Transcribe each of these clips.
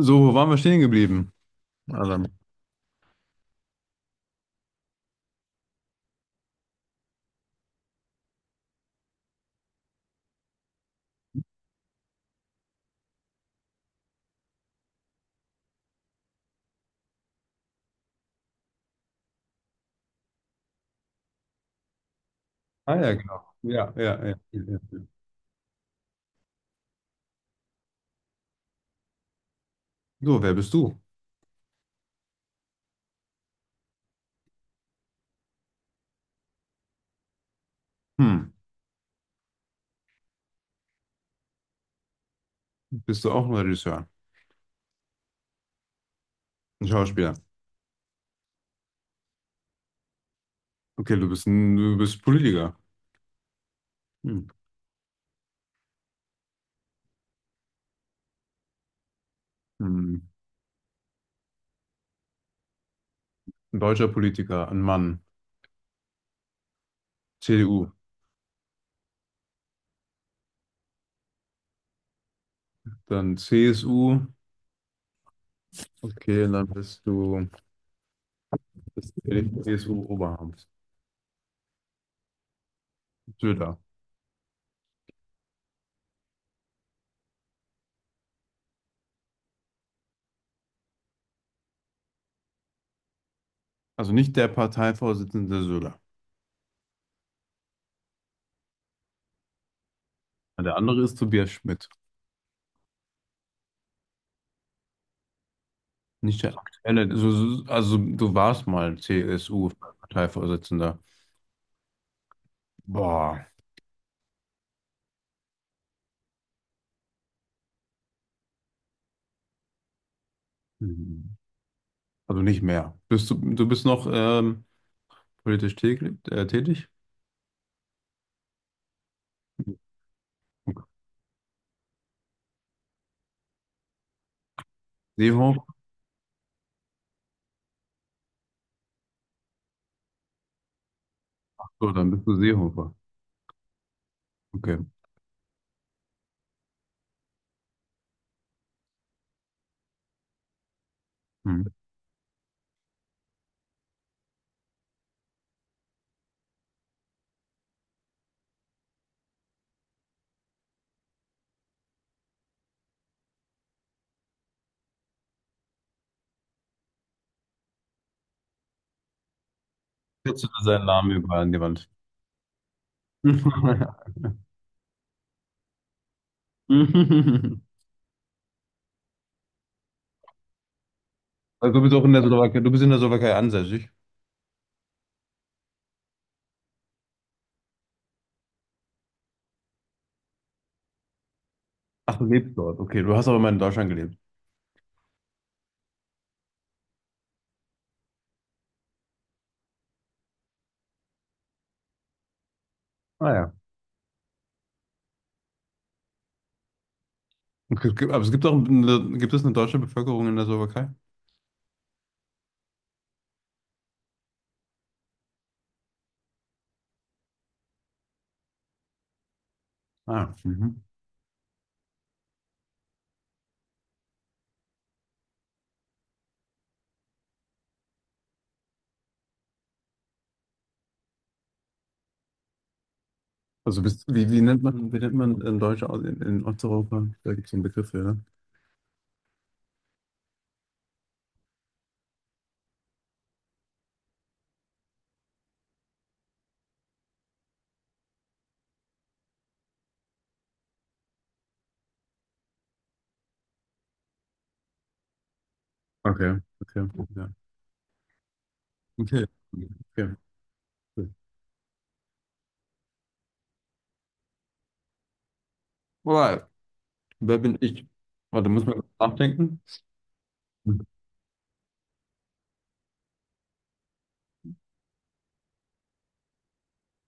So, wo waren wir stehen geblieben? Adam? Ah ja, Mhm, genau. Ja, ja, ja, ja, ja. So, wer bist du? Hm, bist du auch ein Regisseur? Ein Schauspieler? Okay, du bist ein, du bist Politiker. Hm. Hm. Ein deutscher Politiker, ein Mann. CDU. Dann CSU. Okay, und dann bist du das CSU-Oberhaupt. Söder. Also nicht der Parteivorsitzende Söder. Der andere ist Tobias Schmidt. Nicht der aktuelle. Also du warst mal CSU-Parteivorsitzender. Boah. Mhm. Also nicht mehr. Bist du, du bist noch politisch täglich, tätig? Seehofer? So, dann bist du Seehofer. Okay. Mhm. Jetzt ist sein Name überall an die Wand. Also du bist auch in der Slowakei, du bist in der Slowakei ansässig. Ach, du lebst dort. Okay, du hast auch immer in Deutschland gelebt. Ah ja. Okay, aber es gibt auch eine, gibt es eine deutsche Bevölkerung in der Slowakei? Ah, mhm. Also bist, wie, wie nennt man in Deutsch in Osteuropa? Da gibt es einen Begriff für, ne? Okay, okay, ja. Okay. Okay. Alright. Wer bin ich? Warte, muss man kurz nachdenken?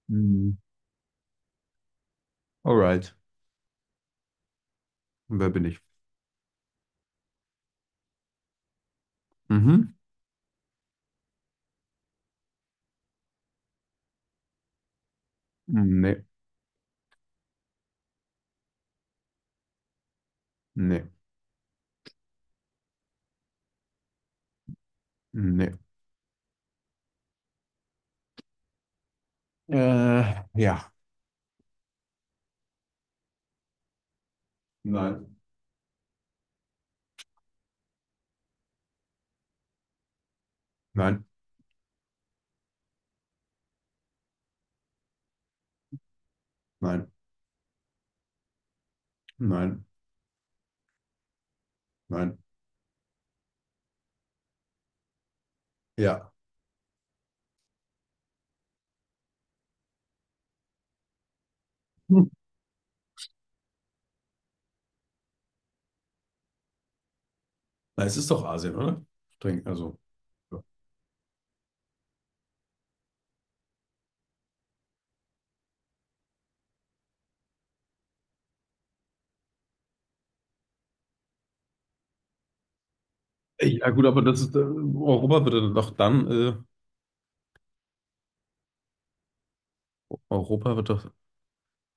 Hm. Alright. Wer bin ich? Mhm. Nee, nee, nee. Ja. Nein. Nein, nein, nein, nein. Ja. Hm. Na, es ist doch Asien, oder? Streng, also. Ja, ey, ja gut, aber das ist Europa wird dann doch dann Europa wird doch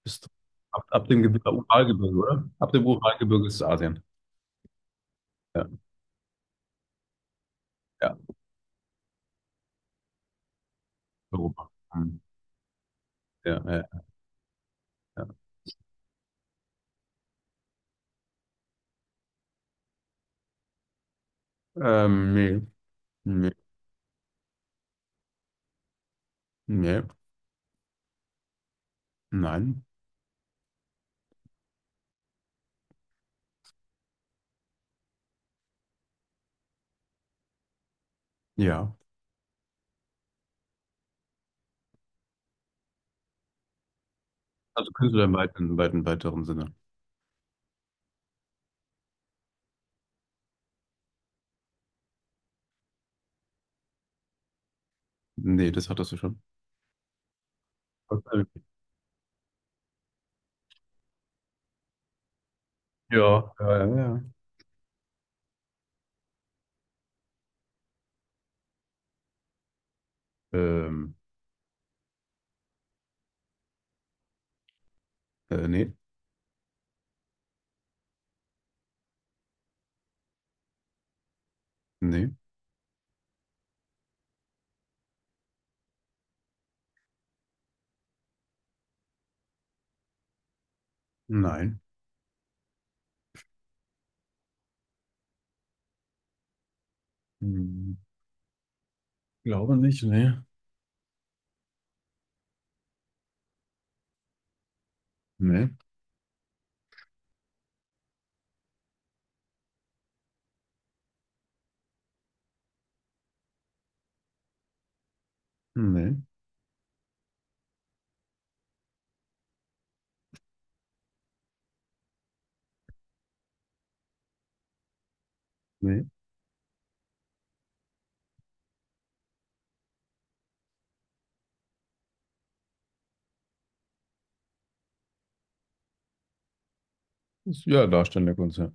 ist doch ab dem Gebirge, Uralgebirge, oder? Ab dem Uralgebirge ist Asien. Ja, ja, Europa. Hm. Ja, ja, ja. Nee. Nee, nee, nein, ja. Also Künstler im weiten, weiten, weiteren Sinne. Nee, das hattest du schon. Okay. Ja, ja, ja, ja. Ähm, nee, nee, nein. Hm, glaube nicht, nee. Nee, nee, nee. Ist ja, darstellende Kunst, ja.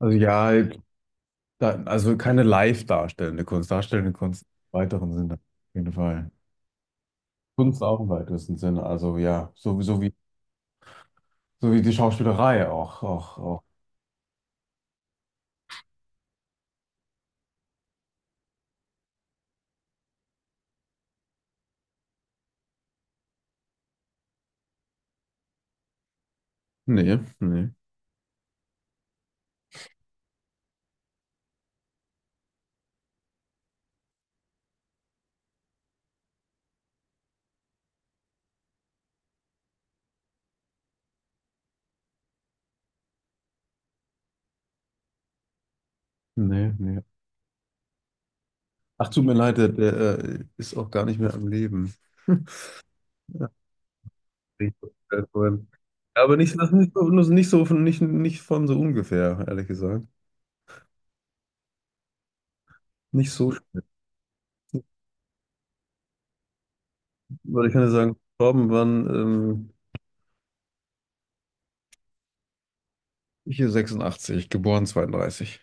Also ja, da, also keine live darstellende Kunst im weiteren Sinne, auf jeden Fall. Kunst auch im weitesten Sinne, also ja, sowieso wie, so wie die Schauspielerei auch, auch, auch. Nee, nee, nee, nee. Ach, tut mir leid, der, der ist auch gar nicht mehr am Leben. Ja, ich hab's vorhin. Aber nicht, das nicht so, nicht so von, nicht, nicht von so ungefähr, ehrlich gesagt. Nicht so schlimm, weil ich kann ja sagen, gestorben waren hier 86, geboren 32.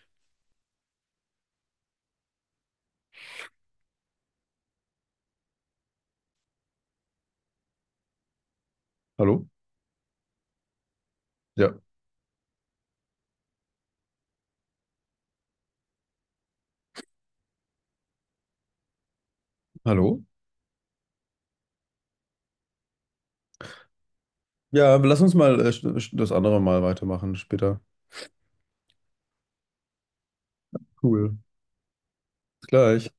Hallo? Ja. Hallo? Ja, aber lass uns mal das andere Mal weitermachen später. Cool. Bis gleich.